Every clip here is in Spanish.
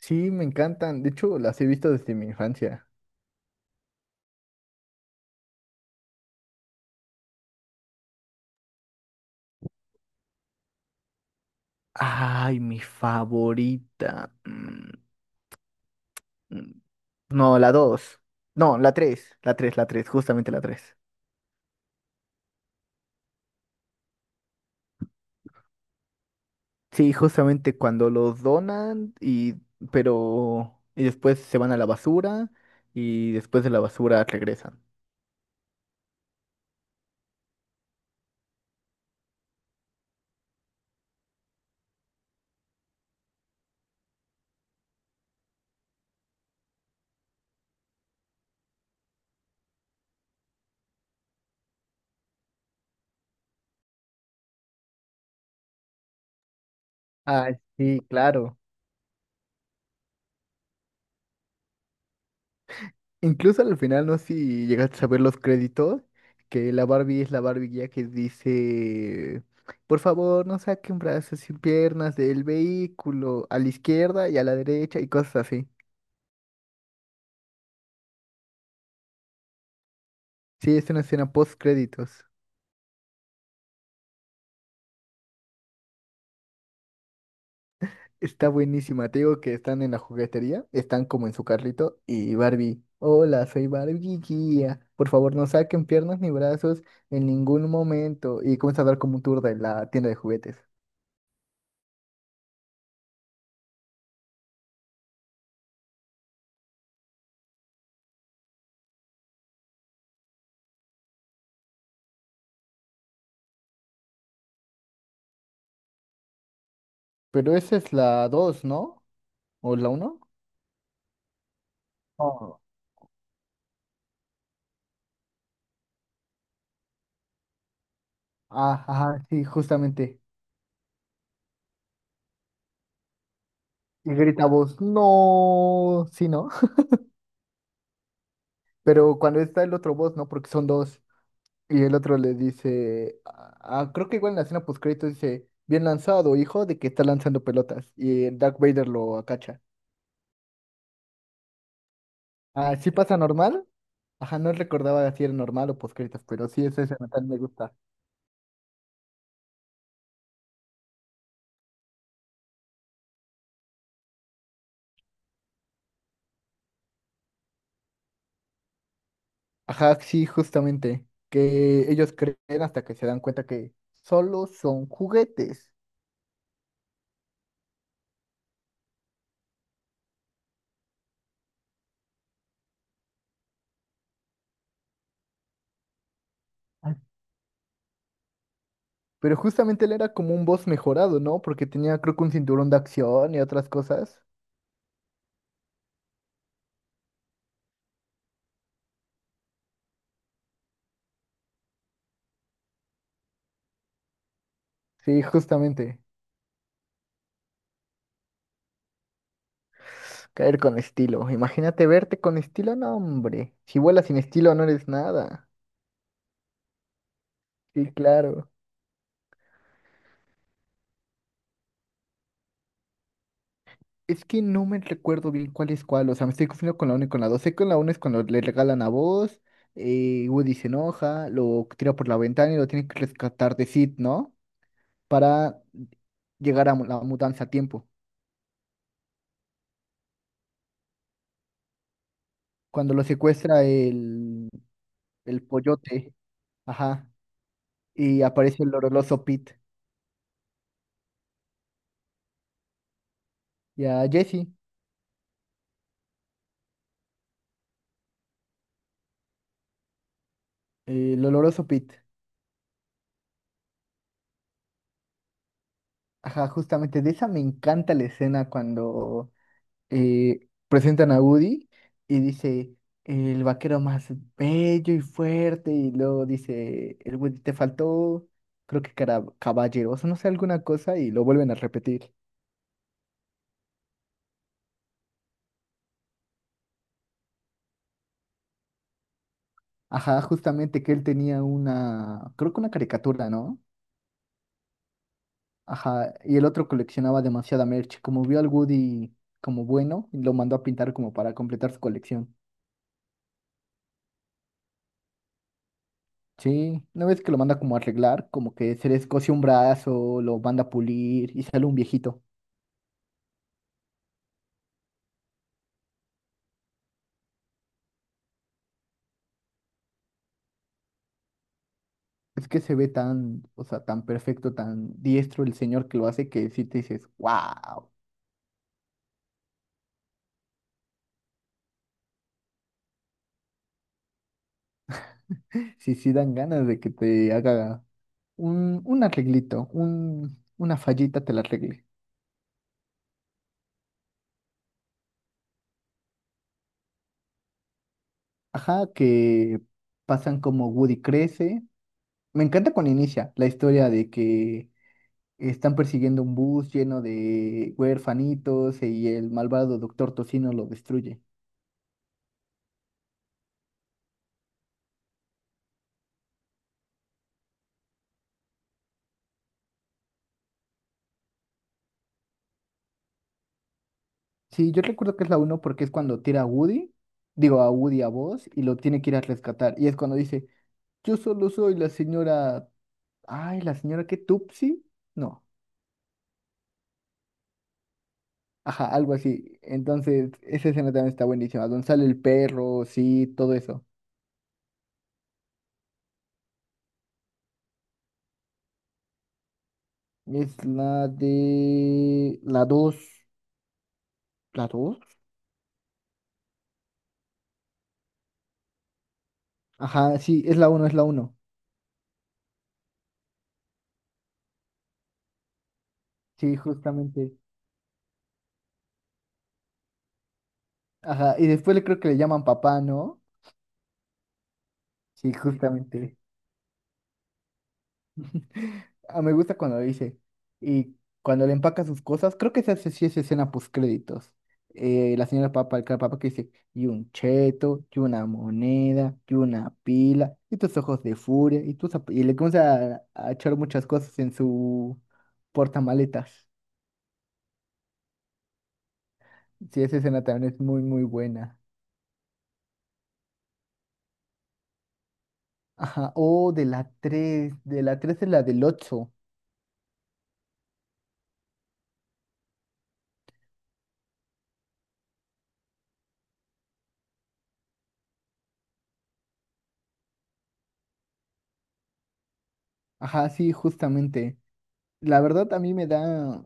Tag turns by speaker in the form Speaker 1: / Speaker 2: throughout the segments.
Speaker 1: Sí, me encantan. De hecho, las he visto desde mi infancia. Ay, mi favorita. Mm. No, la dos. No, la tres. La tres, justamente la tres. Sí, justamente cuando los donan y pero y después se van a la basura y después de la basura regresan. Ay, sí, claro. Incluso al final, no sé si llegaste a ver los créditos, que la Barbie es la Barbie ya que dice, por favor, no saquen brazos y piernas del vehículo a la izquierda y a la derecha y cosas así. Sí, es una escena post créditos. Está buenísima, te digo que están en la juguetería, están como en su carrito y Barbie, hola, soy Barbie guía, por favor, no saquen piernas ni brazos en ningún momento y comienza a dar como un tour de la tienda de juguetes. Pero esa es la 2, ¿no? ¿O la uno? Oh, ah, ajá, sí, justamente. Y grita voz, no, sí, ¿no? Pero cuando está el otro voz, ¿no? Porque son dos. Y el otro le dice, ah, ah, creo que igual en la escena postcrédito dice, bien lanzado, hijo, de que está lanzando pelotas. Y el Darth Vader lo acacha. Ah, ¿sí pasa normal? Ajá, no recordaba si era normal o postcréditos, pero sí, esa escena también me gusta. Ajá, sí, justamente. Que ellos creen hasta que se dan cuenta que solo son juguetes. Pero justamente él era como un boss mejorado, ¿no? Porque tenía, creo que un cinturón de acción y otras cosas. Sí, justamente. Caer con estilo. Imagínate verte con estilo, no, hombre. Si vuelas sin estilo, no eres nada. Sí, claro. Es que no me recuerdo bien cuál es cuál. O sea, me estoy confundiendo con la uno y con la dos. Sé que con la uno es cuando le regalan a vos. Woody se enoja, lo tira por la ventana y lo tiene que rescatar de Sid, ¿no? Para llegar a la mudanza a tiempo. Cuando lo secuestra el pollote. Ajá. Y aparece el oloroso Pete. Y a Jesse, el oloroso Pete. Ajá, justamente de esa me encanta la escena cuando presentan a Woody y dice el vaquero más bello y fuerte. Y luego dice el Woody, te faltó, creo que cara, caballeroso, no sé, alguna cosa. Y lo vuelven a repetir. Ajá, justamente que él tenía una, creo que una caricatura, ¿no? Ajá, y el otro coleccionaba demasiada merch. Como vio al Woody como bueno, lo mandó a pintar como para completar su colección. Sí, una vez que lo manda como a arreglar, como que se le escoce un brazo, lo manda a pulir y sale un viejito. Es que se ve tan, o sea, tan perfecto, tan diestro el señor que lo hace que sí te dices, wow. Sí, sí dan ganas de que te haga un arreglito, una fallita te la arregle. Ajá, que pasan como Woody crece. Me encanta cuando inicia la historia de que están persiguiendo un bus lleno de huérfanitos y el malvado Doctor Tocino lo destruye. Sí, yo recuerdo que es la uno porque es cuando tira a Woody, digo a Woody a Buzz y lo tiene que ir a rescatar. Y es cuando dice, yo solo soy la señora, ay, la señora que Tupsi, no, ajá, algo así. Entonces, esa escena también está buenísima, donde sale el perro, sí, todo eso. Es la de la 2, la 2. Ajá, sí, es la uno, es la uno. Sí, justamente. Ajá, y después le creo que le llaman papá, ¿no? Sí, justamente. Ah, me gusta cuando dice. Y cuando le empaca sus cosas, creo que sí es escena postcréditos. La señora papa, el cara papa que dice, y un cheto, y una moneda, y una pila, y tus ojos de furia, y tus y le comienza a echar muchas cosas en su portamaletas. Sí, esa escena también es muy, muy buena. Ajá, oh, de la 3 es la del ocho. Ajá, sí, justamente. La verdad a mí me da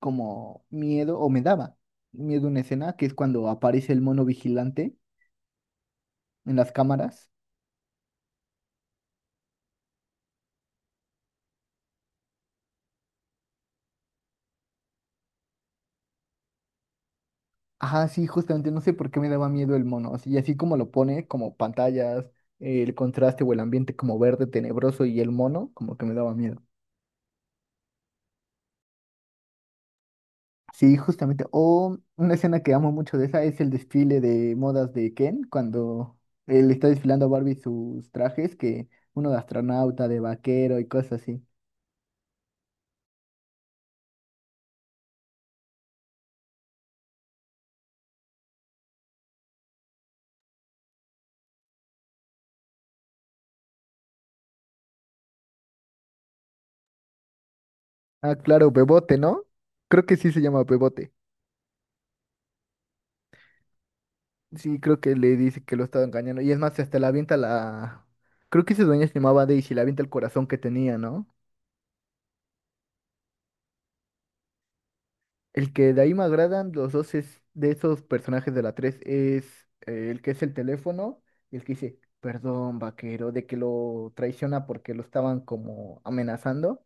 Speaker 1: como miedo, o me daba miedo una escena, que es cuando aparece el mono vigilante en las cámaras. Ajá, sí, justamente, no sé por qué me daba miedo el mono. Y así como lo pone, como pantallas, el contraste o el ambiente como verde tenebroso y el mono, como que me daba miedo. Sí, justamente. O una escena que amo mucho de esa es el desfile de modas de Ken, cuando él está desfilando a Barbie sus trajes, que uno de astronauta, de vaquero y cosas así. Ah, claro, Bebote, ¿no? Creo que sí se llama Bebote. Sí, creo que le dice que lo estaba engañando. Y es más, hasta la avienta la... Creo que esa dueña se llamaba Daisy, la avienta el corazón que tenía, ¿no? El que de ahí me agradan, los dos es de esos personajes de la 3 es el que es el teléfono y el que dice, perdón, vaquero, de que lo traiciona porque lo estaban como amenazando.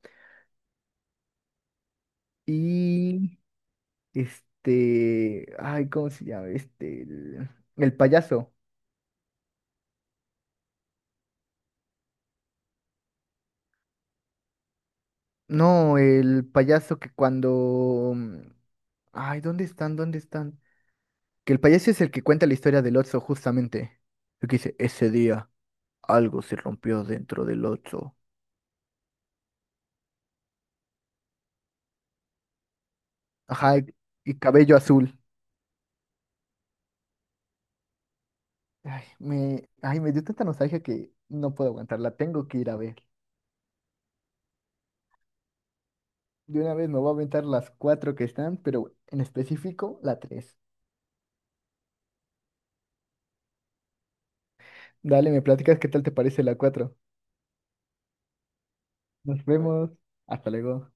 Speaker 1: Y este, ay, ¿cómo se llama? El payaso. No, el payaso que cuando... ay, ¿dónde están? ¿Dónde están? Que el payaso es el que cuenta la historia del Oxxo justamente. El que dice, ese día algo se rompió dentro del Oxxo. Ajá, y, y cabello azul. Ay, me dio tanta nostalgia que no puedo aguantarla, tengo que ir a ver. De una vez me voy a aventar las cuatro que están, pero en específico la tres. Dale, me platicas qué tal te parece la cuatro. Nos vemos, hasta luego.